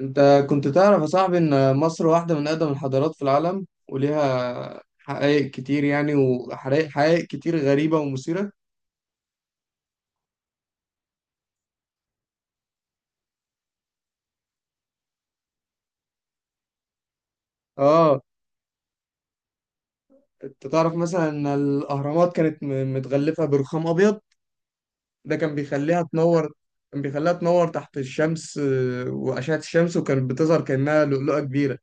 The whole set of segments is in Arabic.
انت كنت تعرف يا صاحبي ان مصر واحدة من اقدم الحضارات في العالم وليها حقائق كتير، يعني وحقائق كتير غريبة ومثيرة. اه، انت تعرف مثلا ان الاهرامات كانت متغلفة برخام ابيض. ده كان بيخليها تنور. كان بيخليها تنور تحت الشمس، واشعة الشمس وكانت بتظهر كأنها لؤلؤة كبيرة.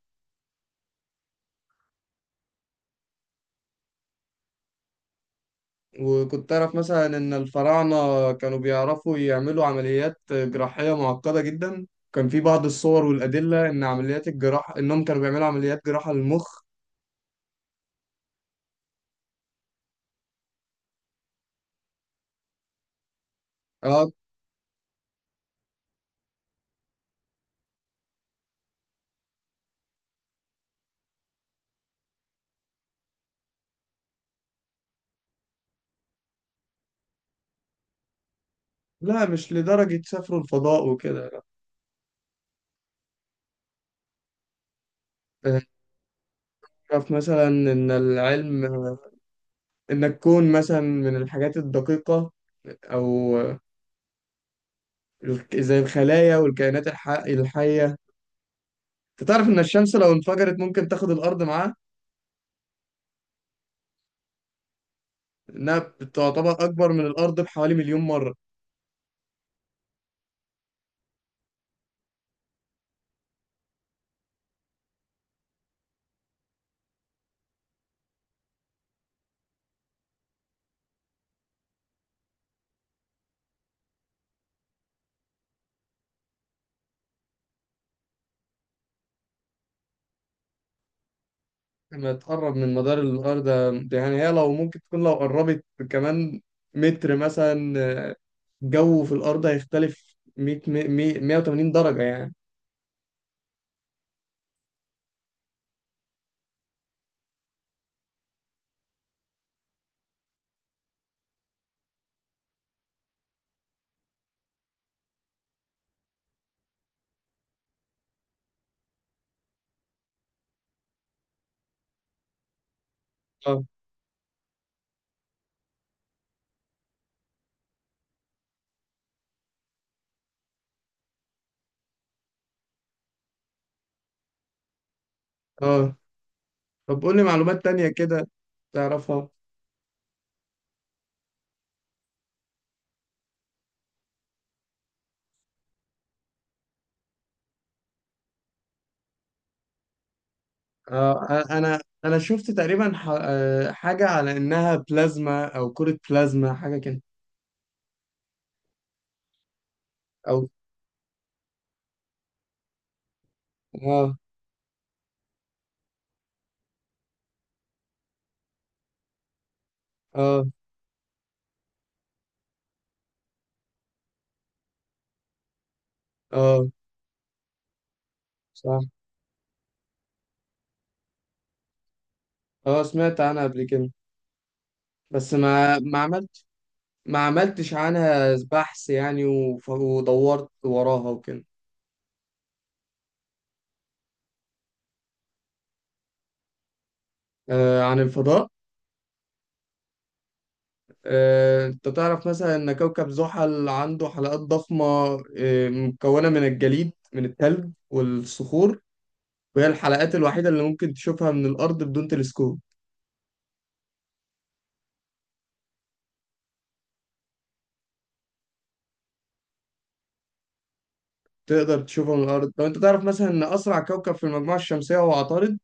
وكنت أعرف مثلا إن الفراعنة كانوا بيعرفوا يعملوا عمليات جراحية معقدة جدا. كان في بعض الصور والأدلة إن عمليات الجراحة إنهم كانوا بيعملوا عمليات جراحة للمخ. آه، لا مش لدرجة سافروا الفضاء وكده. لا. أعرف مثلا إن العلم، إن الكون مثلا من الحاجات الدقيقة، أو زي الخلايا والكائنات الحية. أنت تعرف إن الشمس لو انفجرت ممكن تاخد الأرض معاها؟ إنها بتعتبر أكبر من الأرض بحوالي مليون مرة. لما تقرب من مدار الأرض، يعني هي لو ممكن تكون لو قربت كمان متر مثلا، آه، الجو في الأرض هيختلف 100 100 180 درجة يعني. اه. اه، طب قول لي معلومات تانية كده تعرفها. آه، أنا شفت تقريبا حاجة على إنها بلازما أو كرة بلازما حاجة كده. أو اه. اه اه صح. اه سمعت عنها قبل كده بس ما عملتش عنها بحث يعني، ودورت وراها وكده. آه، عن الفضاء. آه، انت تعرف مثلا ان كوكب زحل عنده حلقات ضخمة؟ آه، مكونة من الجليد من التلج والصخور. وهي الحلقات الوحيدة اللي ممكن تشوفها من الأرض بدون تلسكوب. تقدر تشوفها من الأرض. لو انت تعرف مثلا ان أسرع كوكب في المجموعة الشمسية هو عطارد.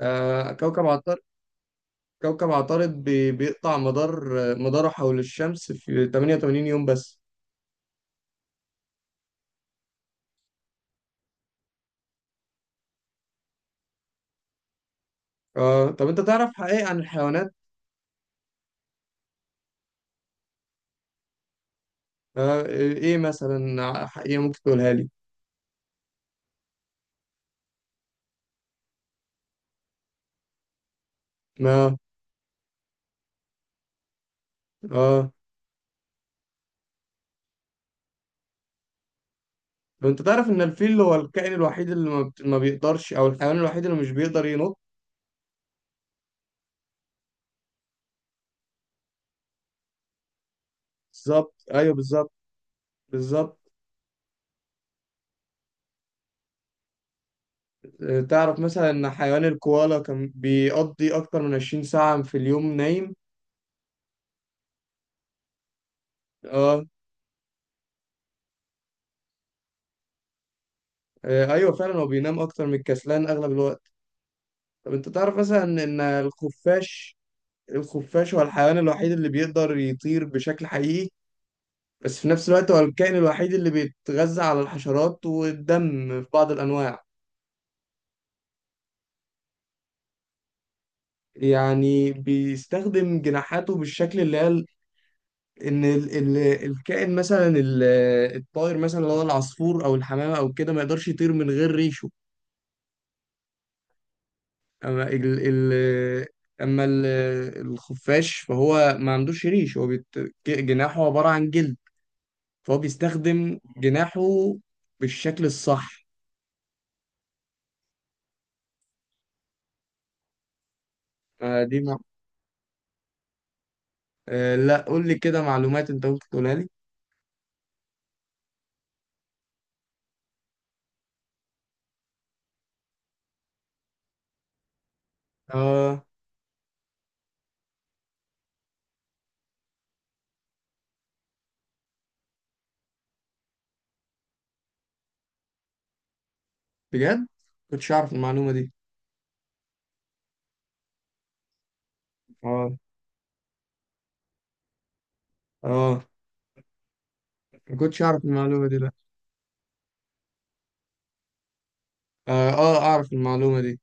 آه، كوكب عطارد. كوكب عطارد بيقطع مداره حول الشمس في 88 يوم بس. آه، طب انت تعرف حقائق عن الحيوانات؟ آه، ايه مثلا حقيقة ممكن تقولها لي؟ ما. اه. طب انت تعرف ان الفيل هو الكائن الوحيد اللي ما بيقدرش، او الحيوان الوحيد اللي مش بيقدر ينط. بالظبط، ايوه بالظبط. بالظبط. آه، تعرف مثلا ان حيوان الكوالا كان بيقضي اكتر من 20 ساعة في اليوم نايم. اه. آه، ايوه فعلا هو بينام اكتر من الكسلان اغلب الوقت. طب انت تعرف مثلا ان الخفاش، الخفاش هو الحيوان الوحيد اللي بيقدر يطير بشكل حقيقي؟ بس في نفس الوقت هو الكائن الوحيد اللي بيتغذى على الحشرات والدم في بعض الأنواع. يعني بيستخدم جناحاته بالشكل اللي هي إن ال الكائن مثلا الطائر مثلا اللي هو العصفور أو الحمامة أو كده ما يقدرش يطير من غير ريشه. أما ال ال أما ال الخفاش فهو ما عندوش ريش. هو بيت، جناحه عبارة عن جلد، فهو بيستخدم جناحه بالشكل الصح. آه، دي مع... آه، لا قول لي كده معلومات أنت ممكن تقولها لي. اه. بجد كنتش اعرف المعلومه دي. اه اه، ما كنتش اعرف المعلومه دي لا. اه اه اعرف المعلومه دي.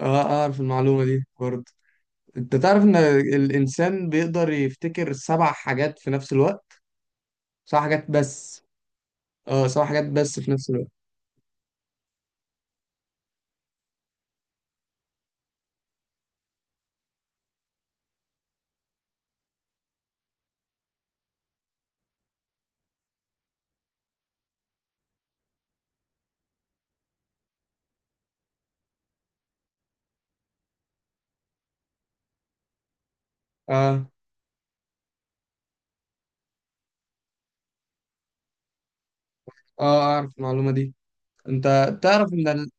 اه، آه، اعرف المعلومه دي برضه. انت تعرف ان الانسان بيقدر يفتكر سبع حاجات في نفس الوقت؟ سبع حاجات بس. اه، سبع حاجات بس في نفس الوقت. اه. اه اعرف المعلومه دي. انت تعرف ان ال...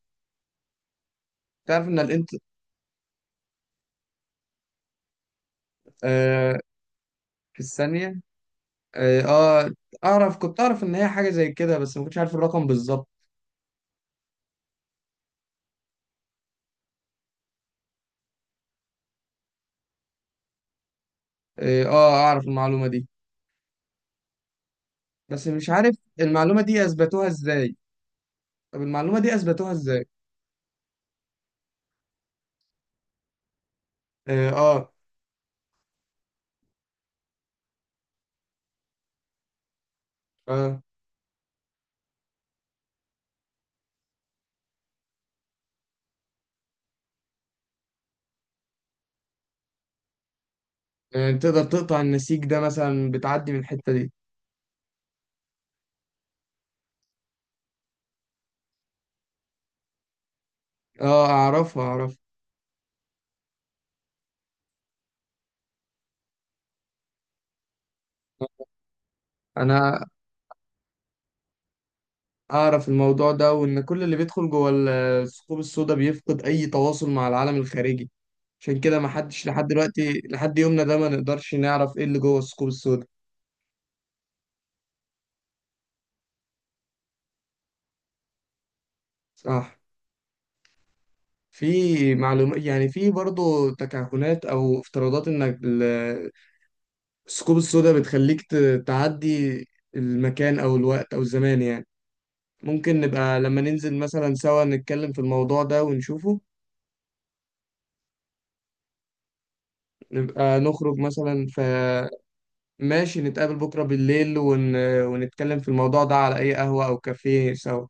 تعرف ان الانت آه، في الثانيه. اه، آه، اعرف، كنت اعرف ان هي حاجه زي كده بس ما كنتش عارف الرقم بالظبط. اه، آه، اعرف المعلومه دي. بس مش عارف المعلومة دي أثبتوها إزاي. طب المعلومة دي أثبتوها إزاي؟ آه، آه، آه، آه. تقدر تقطع النسيج ده مثلا بتعدي من الحتة دي. آه أعرفها أعرفها. أنا أعرف الموضوع ده وإن كل اللي بيدخل جوه الثقوب السوداء بيفقد أي تواصل مع العالم الخارجي. عشان كده ما حدش لحد دلوقتي لحد يومنا ده ما نقدرش نعرف إيه اللي جوه الثقوب السوداء. صح. في معلومات يعني، في برضه تكهنات أو افتراضات إن الثقوب السوداء بتخليك تعدي المكان أو الوقت أو الزمان يعني. ممكن نبقى لما ننزل مثلا سوا نتكلم في الموضوع ده ونشوفه. نبقى نخرج مثلا فماشي. نتقابل بكرة بالليل ونتكلم في الموضوع ده على أي قهوة أو كافيه سوا